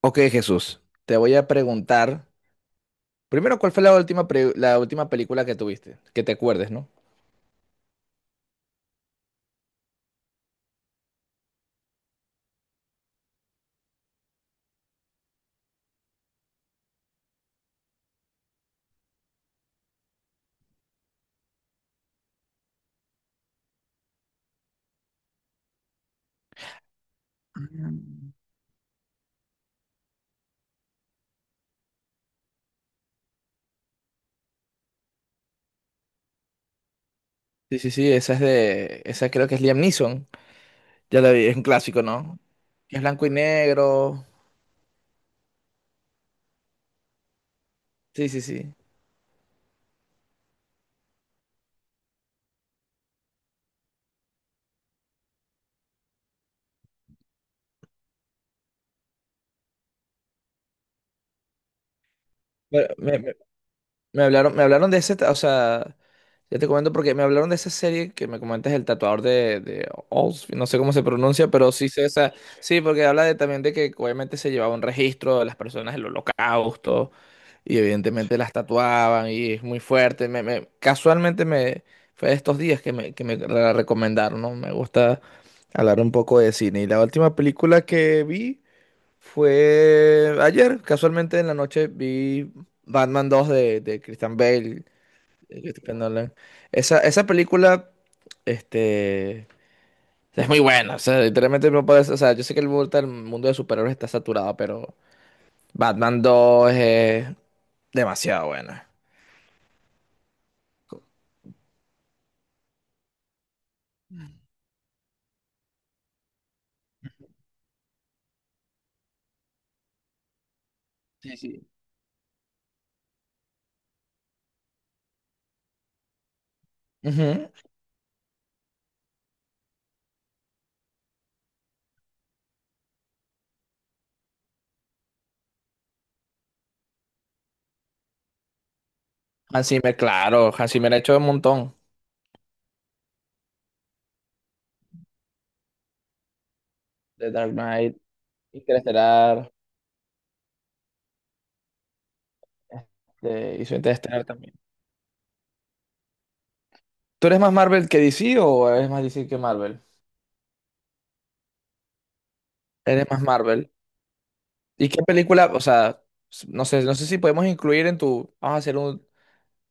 Ok, Jesús, te voy a preguntar, primero, ¿cuál fue la última, pre- la última película que tuviste? Que te acuerdes, ¿no? Mm. Sí, sí, sí, esa es de, esa creo que es Liam Neeson, ya la vi, es un clásico, ¿no? Que es blanco y negro, sí, sí, sí. Pero me hablaron, de ese, ta- o sea, ya te comento porque me hablaron de esa serie que me comentas, el tatuador de Oz, no sé cómo se pronuncia, pero sí sé esa, sí, porque habla de, también de que obviamente se llevaba un registro de las personas del holocausto. Y evidentemente las tatuaban y es muy fuerte. Casualmente me, fue de estos días que me la recomendaron, ¿no? Me gusta hablar un poco de cine. Y la última película que vi fue ayer. Casualmente en la noche vi Batman dos de Christian Bale. De Christopher Nolan. Esa película, este, es muy buena. O sea, literalmente no puedes, o sea, yo sé que el mundo de superhéroes está saturado, pero Batman dos es demasiado buena. Sí, sí. Ujú. Hans Zimmer, claro, Hans Zimmer ha hecho un montón. The Dark Knight, Interestelar, hizo Interestelar también. ¿Tú eres más Marvel que DC o eres más DC que Marvel? Eres más Marvel. ¿Y qué película? O sea, s- no sé, no sé si podemos incluir en tu, vamos a hacer un,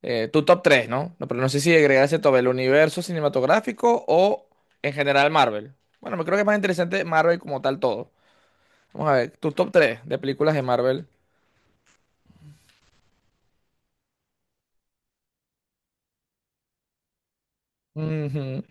tu top 3, ¿no? No, pero no sé si agregarse todo el universo cinematográfico o en general Marvel. Bueno, me creo que es más interesante Marvel como tal todo. Vamos a ver, tu top 3 de películas de Marvel. Ujú.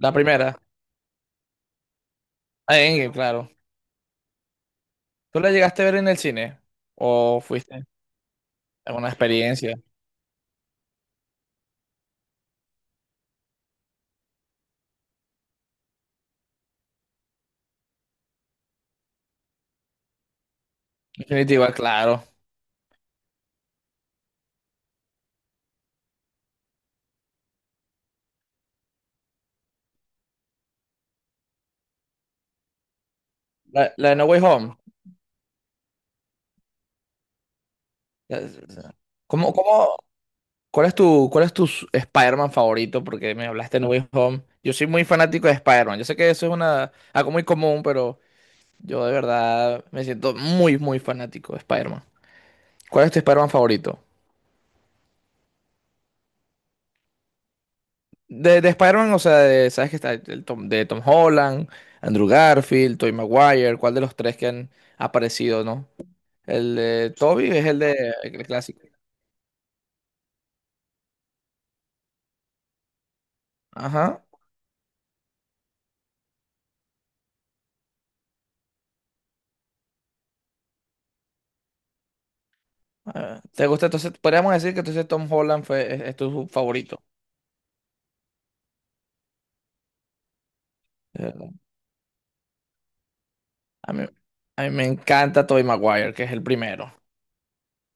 La primera. Claro. ¿Tú la llegaste a ver en el cine? ¿O fuiste a una experiencia? Definitiva, claro. La de No Way Home. La- la- ¿Cómo, cómo, cuál es tu s- Spider-Man favorito? Porque me hablaste de No Way Home. Yo soy muy fanático de Spider-Man. Yo sé que eso es una, algo muy común, pero yo de verdad me siento muy, muy fanático de Spider-Man. ¿Cuál es tu Spider-Man favorito? De Spider-Man, o sea, de- ¿sabes que está el Tom, de Tom Holland, Andrew Garfield, Tobey Maguire? ¿Cuál de los tres que han aparecido, no? El de Toby es el de el clásico. Ajá. Ah, ¿te gusta? Entonces, podríamos decir que entonces Tom Holland fue, es tu favorito. Eh, A mí, a mí me encanta Tobey Maguire, que es el primero.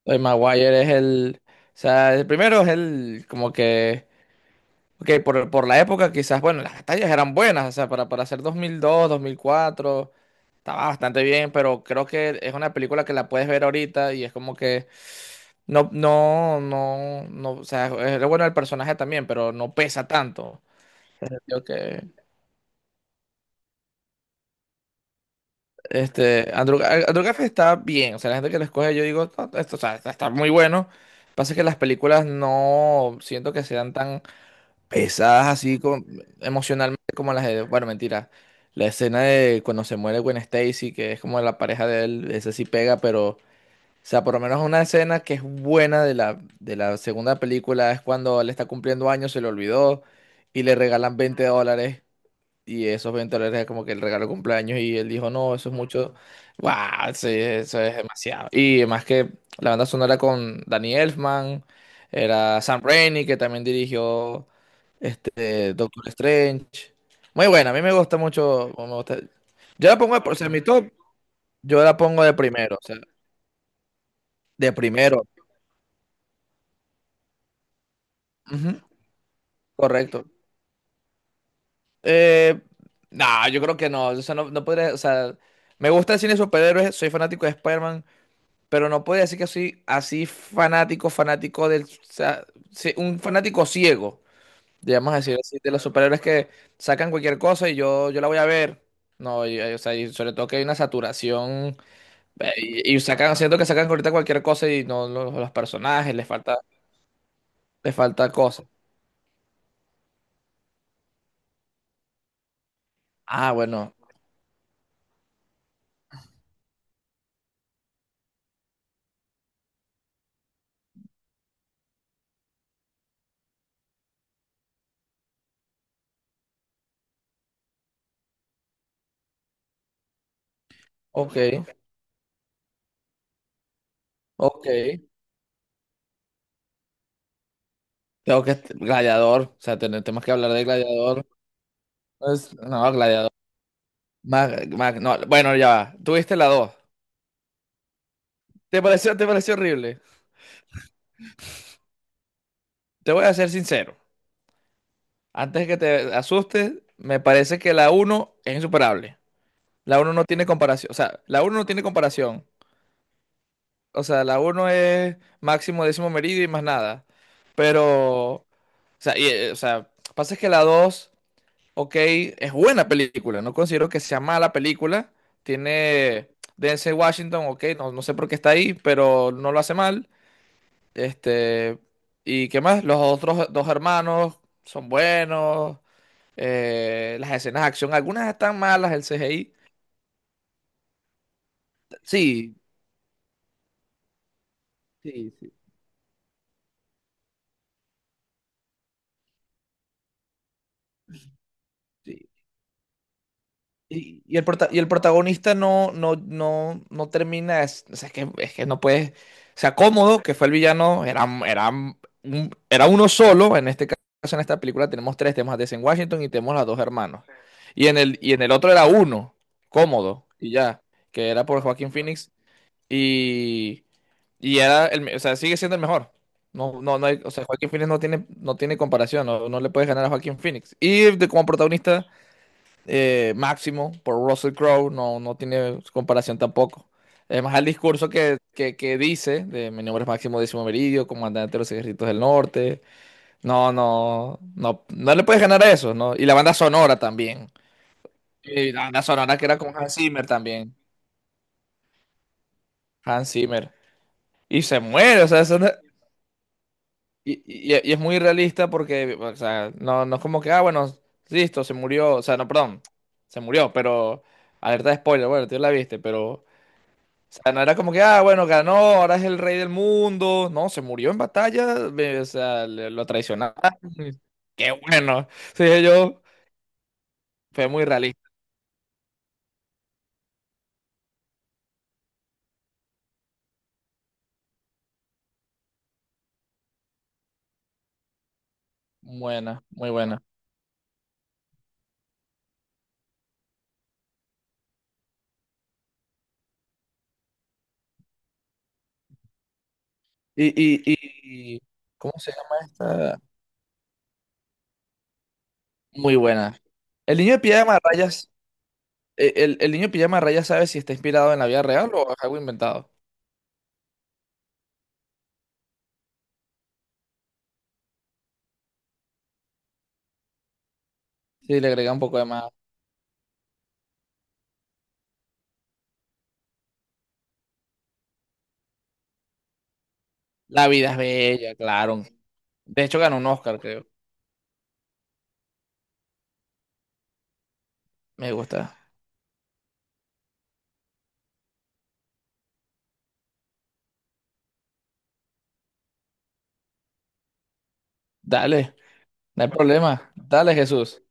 Tobey Maguire es el. O sea, el primero es el. Como que. Ok, por la época quizás, bueno, las batallas eran buenas, o sea, para hacer 2002, 2004, estaba bastante bien, pero creo que es una película que la puedes ver ahorita y es como que no, no, no, no, o sea, es lo bueno del personaje también, pero no pesa tanto. Yo que, Andrew, Gar- Andrew Garfield está bien, o sea, la gente que lo escoge, yo digo, "No, esto, o sea, está, está muy bueno. Pasa que las películas no siento que sean tan pesadas así como, emocionalmente como las de, bueno, mentira. La escena de cuando se muere Gwen Stacy, que es como la pareja de él, ese sí pega, pero o sea, por lo menos una escena que es buena de la segunda película es cuando él está cumpliendo años, se le olvidó y le regalan $20 y esos $20 es como que el regalo de cumpleaños y él dijo, no, eso es mucho, wow, sí, eso es demasiado. Y además que la banda sonora con Danny Elfman, era Sam Raimi que también dirigió Doctor Strange. Muy buena, a mí me gusta mucho, me gusta- yo la pongo, de- o sea, mi top, yo la pongo de primero, o sea, de primero. Correcto. Eh, no, yo creo que no. O sea, no, no podría, o sea, me gusta el cine de superhéroes, soy fanático de Spider-Man, pero no podría decir que soy así fanático, fanático del, o sea, sí, un fanático ciego, digamos decir así, de los superhéroes que sacan cualquier cosa y yo la voy a ver. No, y, o sea, y sobre todo que hay una saturación y sacan, siento que sacan ahorita cualquier cosa y no los, los personajes, les falta cosas. Ah, bueno, ok, ok. Tengo que... Gladiador. O sea, ten- tenemos que hablar de Gladiador. Es- no, Gladiador. Mag- Mag- no, bueno, ya va. Tuviste la dos. Te pareció horrible? Te voy a ser sincero. Antes que te asustes, me parece que la uno es insuperable. La uno no tiene comparación. O sea, la uno no tiene comparación. O sea, la uno es máximo décimo meridio y más nada. Pero, o sea, y, o sea, pasa es que la 2 ok, es buena película, no considero que sea mala película. Tiene Denzel Washington, ok, no, no sé por qué está ahí, pero no lo hace mal. Este, ¿Y qué más? Los otros dos hermanos son buenos. Eh, las escenas de acción, algunas están malas, el CGI. Sí, sí, sí. Sí. Y el prota- y el protagonista no, no, no, no termina, es, o sea, es que no puede o sea, Cómodo, que fue el villano, era, era, un- era uno solo, en este caso, en esta película tenemos tres, tenemos a Denzel Washington y tenemos a los dos hermanos. Y en el otro era uno, Cómodo, y ya, que era por Joaquín Phoenix, y, y era el, me- o sea, sigue siendo el mejor. No, no, no hay- o sea, Joaquín Phoenix no tiene, no tiene comparación, no, no le puedes ganar a Joaquín Phoenix. Y de- como protagonista máximo por Russell Crowe, no, no tiene comparación tampoco. Además, el discurso que dice de mi nombre es Máximo Décimo Meridio, comandante de los ejércitos del norte. No, no, no, no le puedes ganar a eso, ¿no? Y la banda sonora también. Y la banda sonora que era con Hans Zimmer también. Hans Zimmer. Y se muere, o sea, eso no- y, y es muy realista porque, o sea, no, no es como que, ah, bueno, listo, se murió, o sea, no, perdón, se murió, pero, alerta de spoiler, bueno, tú la viste, pero o sea, no era como que, ah, bueno, ganó, ahora es el rey del mundo. No, se murió en batalla, me- o sea, le- lo traicionaron. Qué bueno. Sí, yo, fue muy realista. Buena, muy buena. Y- ¿cómo se llama esta? Muy buena. El niño de pijama de rayas, el niño de pijama de rayas sabe si está inspirado en la vida real o es algo inventado. Sí, le agrega un poco de más. La vida es bella, claro. De hecho, ganó un Oscar, creo. Me gusta. Dale, no hay problema. Dale, Jesús.